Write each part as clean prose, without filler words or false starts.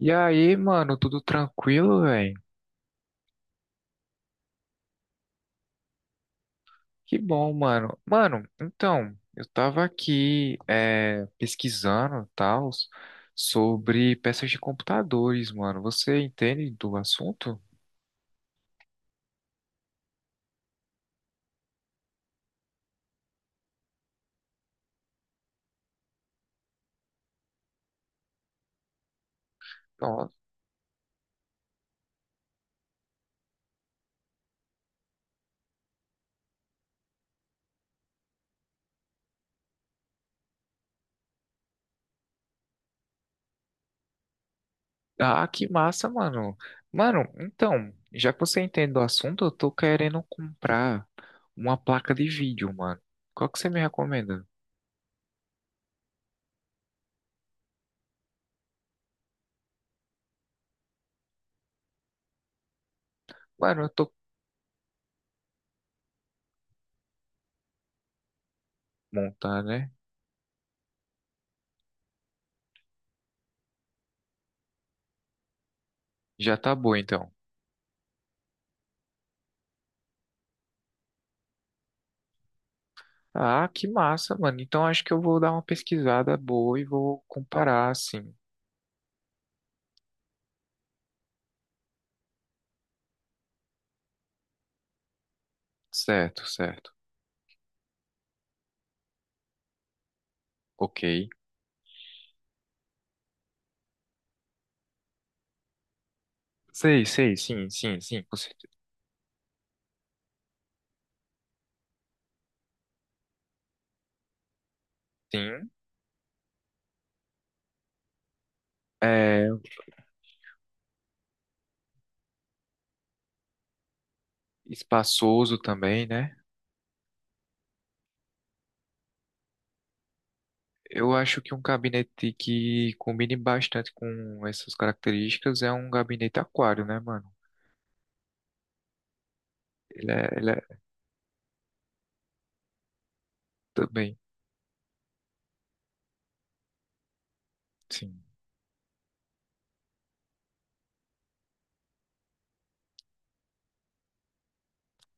E aí, mano, tudo tranquilo, velho? Que bom, mano. Mano, então, eu tava aqui pesquisando tal sobre peças de computadores, mano. Você entende do assunto? Nossa. Ah, que massa, mano. Mano, então, já que você entende do assunto, eu tô querendo comprar uma placa de vídeo, mano. Qual que você me recomenda? Mano, eu tô montar, né? Já tá bom, então. Ah, que massa, mano. Então acho que eu vou dar uma pesquisada boa e vou comparar, assim. Certo, certo. Ok. Sei, sei, sim, sim, sim, com certeza. Sim. É espaçoso também, né? Eu acho que um gabinete que combine bastante com essas características é um gabinete aquário, né, mano? Ele é também, sim.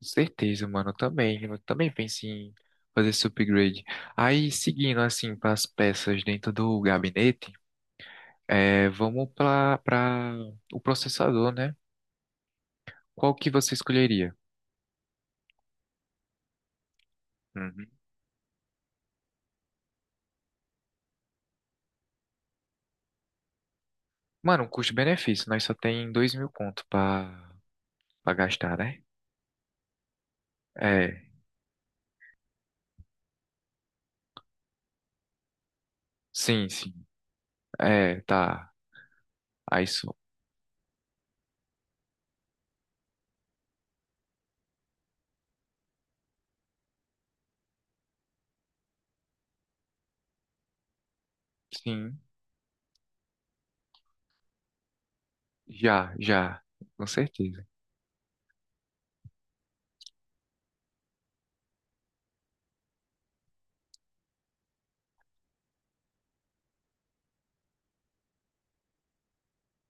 Com certeza, mano. Eu também pensei em fazer esse upgrade. Aí, seguindo, assim, para as peças dentro do gabinete. É, vamos para o processador, né? Qual que você escolheria? Uhum. Mano, um custo-benefício, nós só tem 2000 conto pra para gastar, né? É, sim, sim. É, tá. Aí só. Sim, já, já. Com certeza.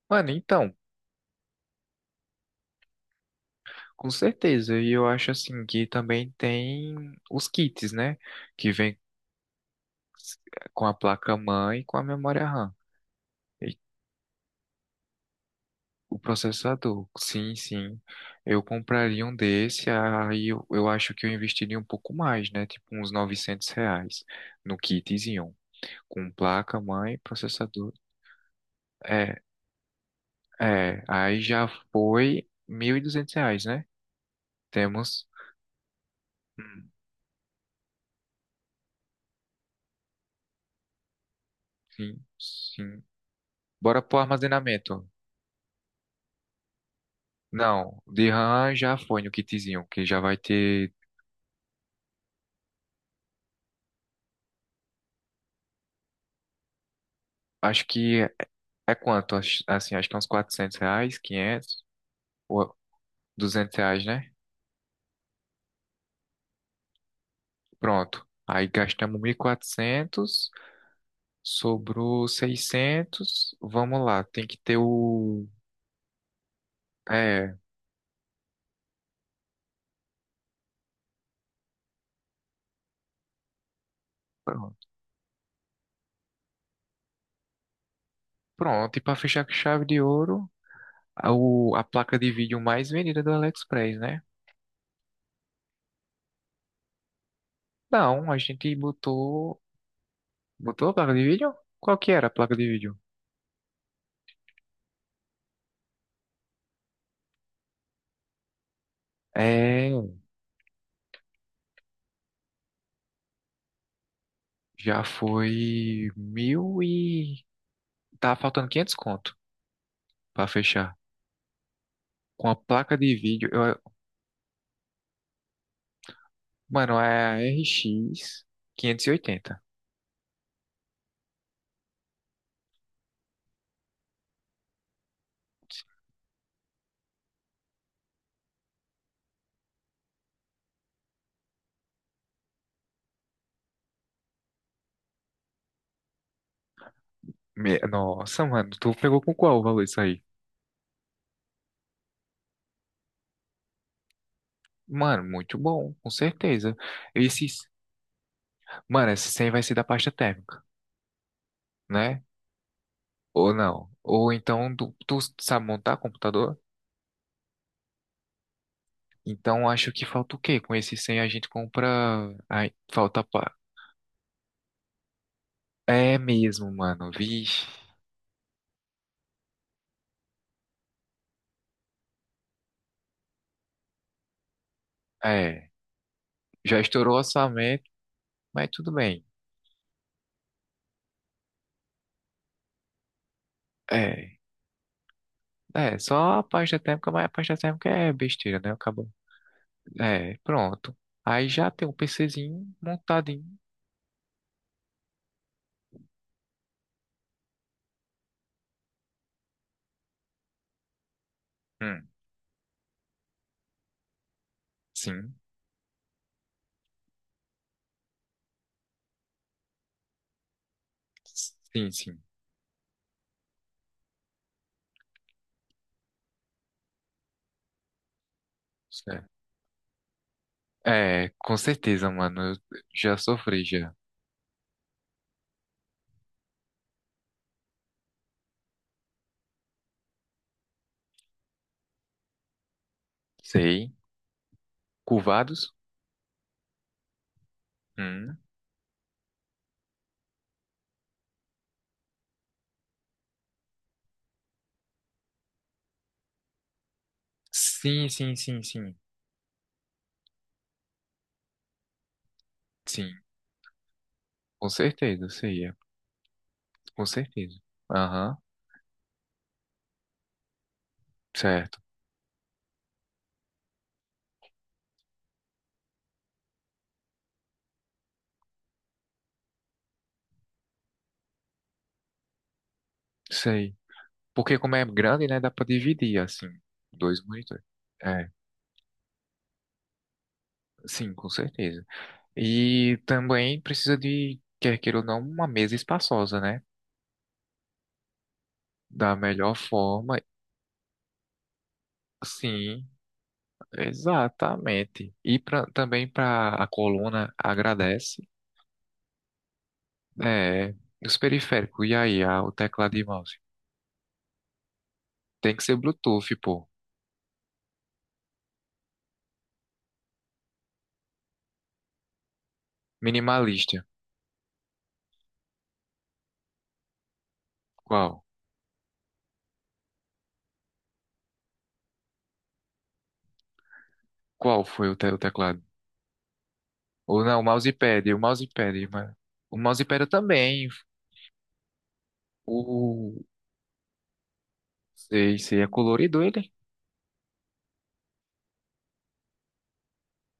Mano, então, com certeza. E eu acho assim que também tem os kits, né? Que vem com a placa-mãe e com a memória RAM. O processador, sim, sim. Eu compraria um desse, aí eu acho que eu investiria um pouco mais, né? Tipo uns 900 reais no kitzinho, com placa, mãe, processador. É, é, aí já foi 1200 reais, né? Temos. Hum, Sim, sim. Bora pro armazenamento. Não, de RAM já foi no kitzinho, que já vai ter. Acho que é quanto? Assim, acho que é uns 400 reais, 500 ou 200 reais, né? Pronto. Aí gastamos 1400, sobrou 600. Vamos lá, tem que ter o. É, pronto. Pronto, e para fechar com chave de ouro, a placa de vídeo mais vendida do AliExpress, né? Não, a gente botou. Botou a placa de vídeo? Qual que era a placa de vídeo? É, já foi mil e. Tá faltando 500 conto pra fechar. Com a placa de vídeo, mano, é a R X 580. Nossa, mano, tu pegou com qual o valor isso aí? Mano, muito bom, com certeza. Esses, mano, esse 100 vai ser da pasta térmica, né? Ou não? Ou então tu sabe montar computador? Então acho que falta o quê? Com esse 100 a gente compra. Ai, falta. pa- É mesmo, mano. Vixe. É. Já estourou o orçamento, mas tudo bem. É. É, só a pasta térmica, mas a pasta térmica é besteira, né? Acabou. É, pronto. Aí já tem um PCzinho montado. Hum, sim. Sim, sim. Certo. É, com certeza, mano. Eu já sofri, já. Sei. Curvados? Hum. Sim, sim, sim, sim. Sim, com certeza, sei. É. Com certeza. Aham, certo. Sei. Porque como é grande, né, dá pra dividir, assim, dois monitores. É, sim, com certeza. E também precisa de, quer queira ou não, uma mesa espaçosa, né? Da melhor forma. Sim. Exatamente. E pra, também para a coluna agradece, é, os periféricos, e aí, o teclado e mouse. Tem que ser Bluetooth, pô. Minimalista. Qual? Qual foi o, o teclado? Ou não, o mousepad, mas o mousepad eu também. O sei, sei, é colorido ele?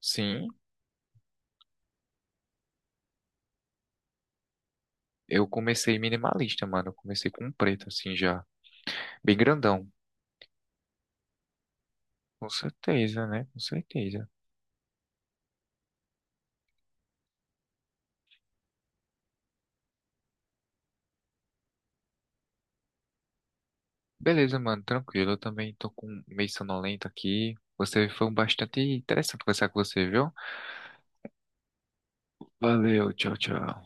Sim, eu comecei minimalista, mano. Eu comecei com um preto assim já, bem grandão. Com certeza, né? Com certeza. Beleza, mano, tranquilo. Eu também tô com meio sonolento aqui. Você foi um bastante interessante conversar com você, viu? Valeu, tchau, tchau.